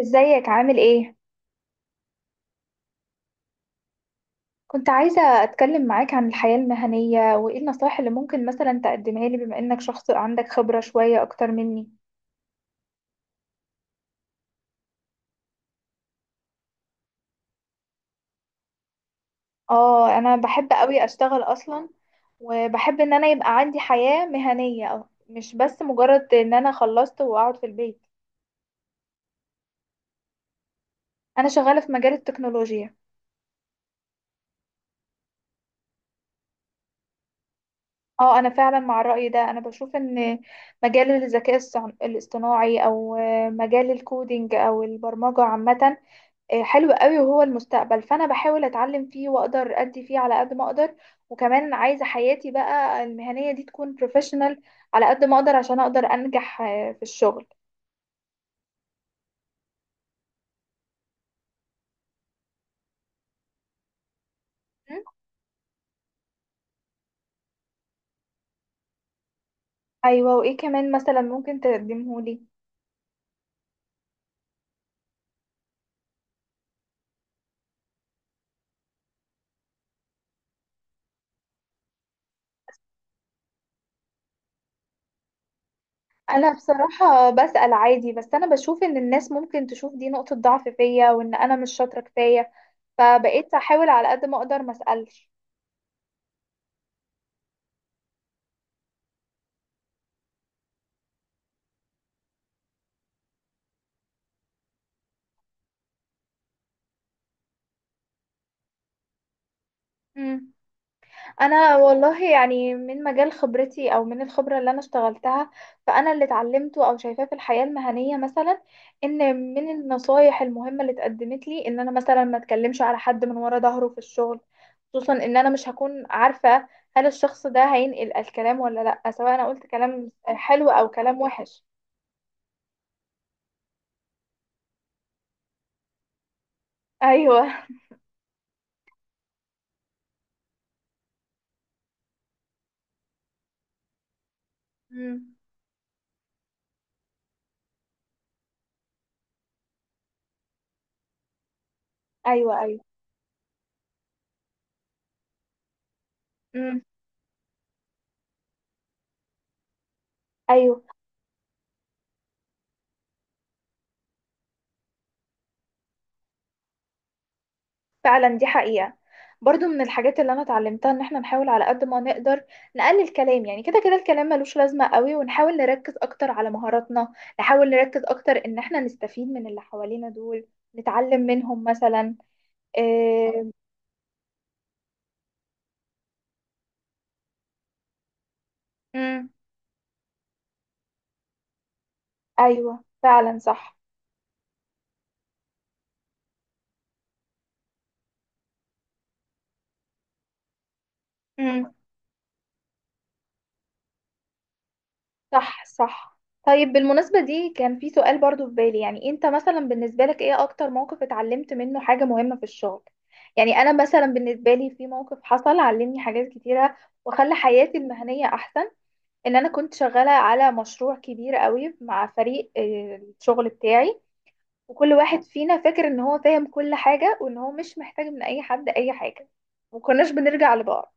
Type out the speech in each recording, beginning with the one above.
ازيك عامل ايه؟ كنت عايزة اتكلم معاك عن الحياة المهنية وايه النصائح اللي ممكن مثلا تقدمها لي بما انك شخص عندك خبرة شوية اكتر مني. اه، انا بحب قوي اشتغل اصلا، وبحب ان انا يبقى عندي حياة مهنية أو مش بس مجرد ان انا خلصت واقعد في البيت. انا شغالة في مجال التكنولوجيا. اه، انا فعلا مع الرأي ده، انا بشوف ان مجال الذكاء الاصطناعي او مجال الكودينج او البرمجة عامة، حلو قوي وهو المستقبل، فانا بحاول اتعلم فيه واقدر ادي فيه على قد ما اقدر. وكمان عايزه حياتي بقى المهنيه دي تكون بروفيشنال على قد ما اقدر عشان اقدر انجح في الشغل. م؟ ايوه، وايه كمان مثلا ممكن تقدمهولي؟ انا بصراحه بسأل عادي، بس انا بشوف ان الناس ممكن تشوف دي نقطه ضعف فيا وان انا مش شاطره كفايه، فبقيت احاول على قد ما اقدر ما اسالش. م. انا والله يعني من مجال خبرتي او من الخبره اللي انا اشتغلتها، فانا اللي اتعلمته او شايفاه في الحياه المهنيه مثلا، ان من النصايح المهمه اللي اتقدمت لي ان انا مثلا ما اتكلمش على حد من ورا ظهره في الشغل، خصوصا ان انا مش هكون عارفه هل الشخص ده هينقل الكلام ولا لا، سواء انا قلت كلام حلو او كلام وحش. ايوه امم. ايوه. ايوه. امم. ايوه، فعلا دي حقيقة. برضو من الحاجات اللي انا اتعلمتها ان احنا نحاول على قد ما نقدر نقلل كلام، يعني كده كده الكلام ملوش لازمة قوي، ونحاول نركز اكتر على مهاراتنا. نحاول نركز اكتر ان احنا نستفيد من اللي حوالينا دول، نتعلم منهم مثلا إيه... مم، ايوه فعلا صح. مم. صح، صح. طيب بالمناسبة دي كان في سؤال برضو في بالي، يعني انت مثلا بالنسبة لك ايه اكتر موقف اتعلمت منه حاجة مهمة في الشغل؟ يعني انا مثلا بالنسبة لي في موقف حصل علمني حاجات كتيرة وخلى حياتي المهنية احسن. ان انا كنت شغالة على مشروع كبير قوي مع فريق الشغل بتاعي، وكل واحد فينا فاكر ان هو فاهم كل حاجة وان هو مش محتاج من اي حد اي حاجة، ومكناش بنرجع لبعض.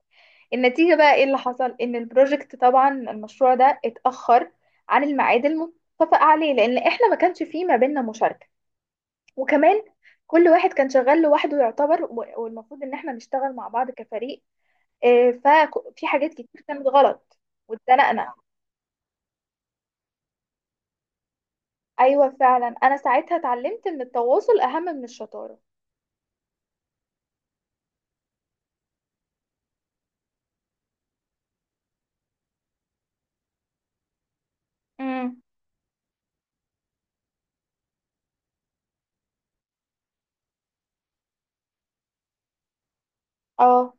النتيجة بقى ايه اللي حصل؟ ان البروجكت طبعا المشروع ده اتأخر عن الميعاد المتفق عليه لان احنا ما كانش فيه ما بيننا مشاركة، وكمان كل واحد كان شغال لوحده يعتبر، والمفروض ان احنا نشتغل مع بعض كفريق. ففي حاجات كتير كانت غلط واتزنقنا. ايوه فعلا، انا ساعتها اتعلمت ان التواصل اهم من الشطارة. امم. اه.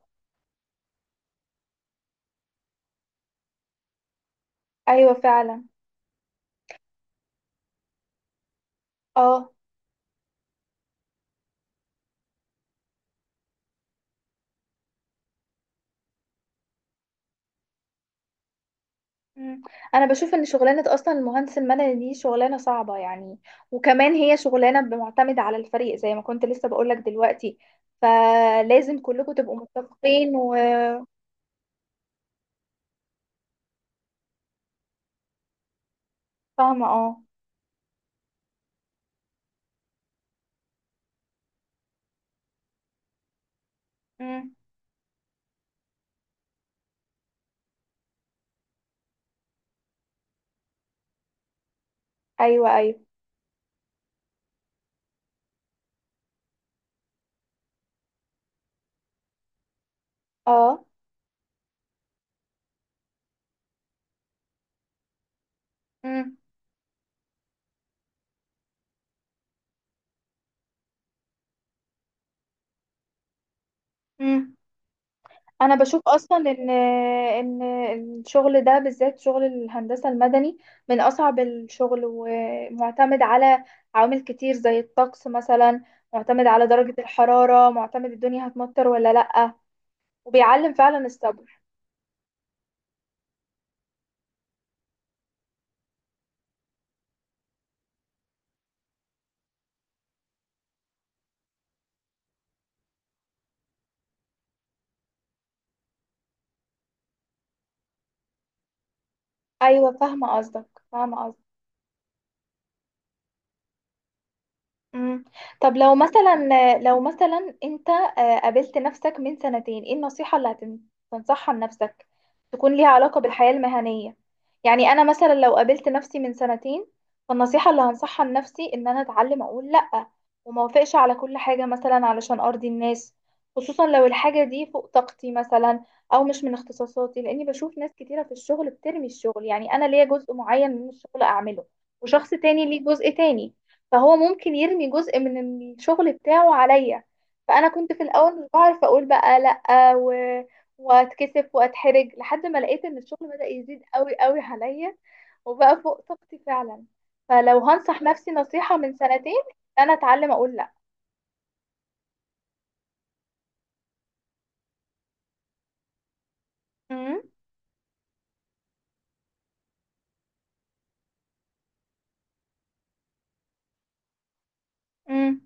ايوه فعلا. اه. مم. انا بشوف ان شغلانه اصلا المهندس المدني دي شغلانه صعبه يعني، وكمان هي شغلانه معتمده على الفريق زي ما كنت لسه بقولك دلوقتي، فلازم كلكم تبقوا متفقين وفاهمه. اه. مم. ايوه، ايوه. اه. مم. مم. انا بشوف اصلا ان الشغل ده بالذات شغل الهندسه المدني من اصعب الشغل، ومعتمد على عوامل كتير زي الطقس مثلا، معتمد على درجه الحراره، معتمد الدنيا هتمطر ولا لا. وبيعلم فعلا الصبر. ايوه فاهمه قصدك، فاهمه قصدك. مم. طب لو مثلا، انت قابلت نفسك من سنتين، ايه النصيحة اللي هتنصحها لنفسك تكون ليها علاقة بالحياة المهنية؟ يعني انا مثلا لو قابلت نفسي من سنتين، فالنصيحة اللي هنصحها لنفسي ان انا اتعلم اقول لأ، وما اوافقش على كل حاجة مثلا علشان ارضي الناس، خصوصا لو الحاجة دي فوق طاقتي مثلا او مش من اختصاصاتي، لاني بشوف ناس كتيرة في الشغل بترمي الشغل. يعني انا ليا جزء معين من الشغل اعمله، وشخص تاني ليه جزء تاني، فهو ممكن يرمي جزء من الشغل بتاعه عليا. فانا كنت في الاول مش بعرف اقول بقى لا، و... واتكسف واتحرج لحد ما لقيت ان الشغل بدأ يزيد قوي قوي عليا وبقى فوق طاقتي فعلا. فلو هنصح نفسي نصيحة من سنتين، انا اتعلم اقول لا. امم. امم.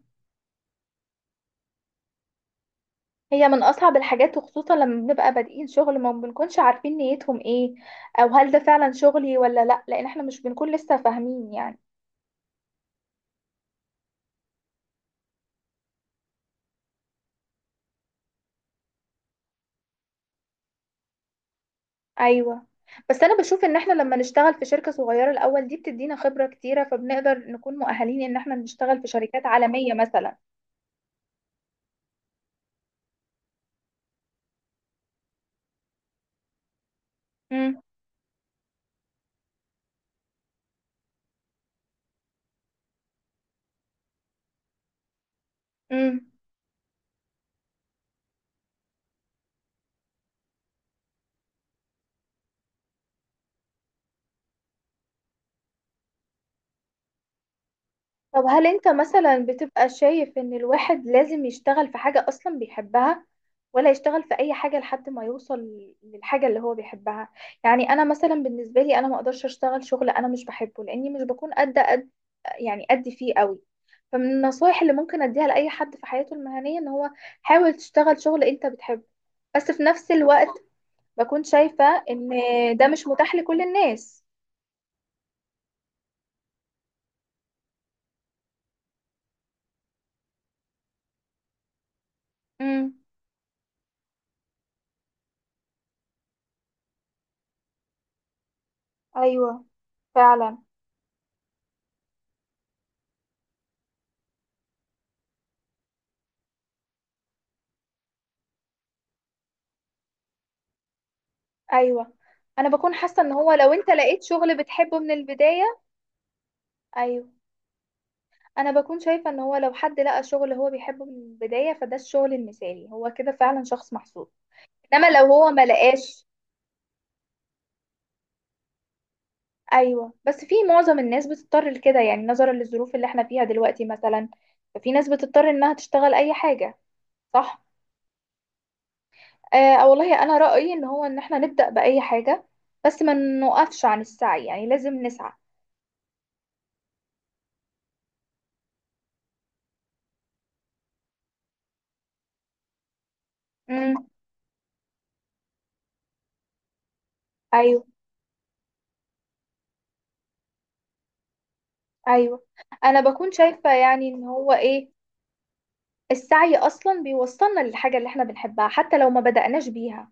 هي من اصعب الحاجات، وخصوصا لما بنبقى بادئين شغل ما بنكونش عارفين نيتهم ايه، او هل ده فعلا شغلي ولا لا، لان احنا مش بنكون لسه فاهمين يعني. ايوه، بس انا بشوف ان احنا لما نشتغل في شركة صغيرة الاول دي بتدينا خبرة كتيرة، فبنقدر نكون مؤهلين ان احنا نشتغل في شركات عالمية مثلا. امم. امم. طب هل انت مثلا بتبقى شايف ان الواحد لازم يشتغل في حاجة اصلا بيحبها، ولا يشتغل في اي حاجة لحد ما يوصل للحاجة اللي هو بيحبها؟ يعني انا مثلا بالنسبة لي انا ما اقدرش اشتغل شغل انا مش بحبه، لاني مش بكون قد، يعني أدي فيه قوي. فمن النصايح اللي ممكن أديها لأي حد في حياته المهنية إن هو حاول تشتغل شغل أنت بتحبه. بس في نفس الوقت بكون شايفة إن ده مش متاح لكل الناس. امم. أيوه، فعلا. أيوه. أنا بكون حاسة إن هو لو أنت لقيت شغل بتحبه من البداية، أيوه. أنا بكون شايفة إن هو لو حد لقى شغل هو بيحبه من البداية فده الشغل المثالي، هو كده فعلا شخص محظوظ. انما لو هو ما لقاش، ايوه، بس في معظم الناس بتضطر لكده، يعني نظرا للظروف اللي احنا فيها دلوقتي مثلا ففي ناس بتضطر انها تشتغل اي حاجه. صح. آه والله انا رايي ان هو ان احنا نبدا باي حاجه، بس ما نوقفش عن السعي، يعني لازم نسعى. امم. ايوه. ايوه. انا بكون شايفه يعني ان هو ايه، السعي اصلا بيوصلنا للحاجه اللي احنا بنحبها حتى لو ما بداناش بيها.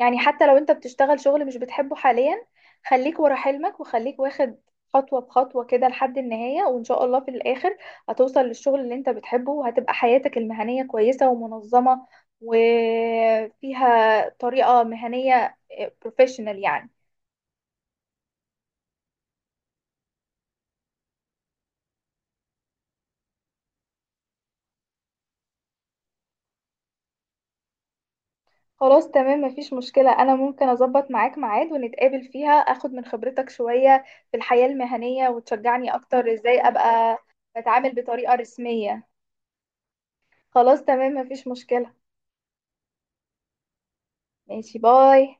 يعني حتى لو انت بتشتغل شغل مش بتحبه حاليا، خليك ورا حلمك وخليك واخد خطوة بخطوة كده لحد النهاية، وإن شاء الله في الآخر هتوصل للشغل اللي انت بتحبه، وهتبقى حياتك المهنية كويسة ومنظمة وفيها طريقة مهنية بروفيشنال يعني. خلاص تمام مفيش مشكلة، أنا ممكن أظبط معاك ميعاد ونتقابل فيها أخد من خبرتك شوية في الحياة المهنية وتشجعني أكتر إزاي أبقى بتعامل بطريقة رسمية. خلاص تمام مفيش مشكلة. ماشي، باي.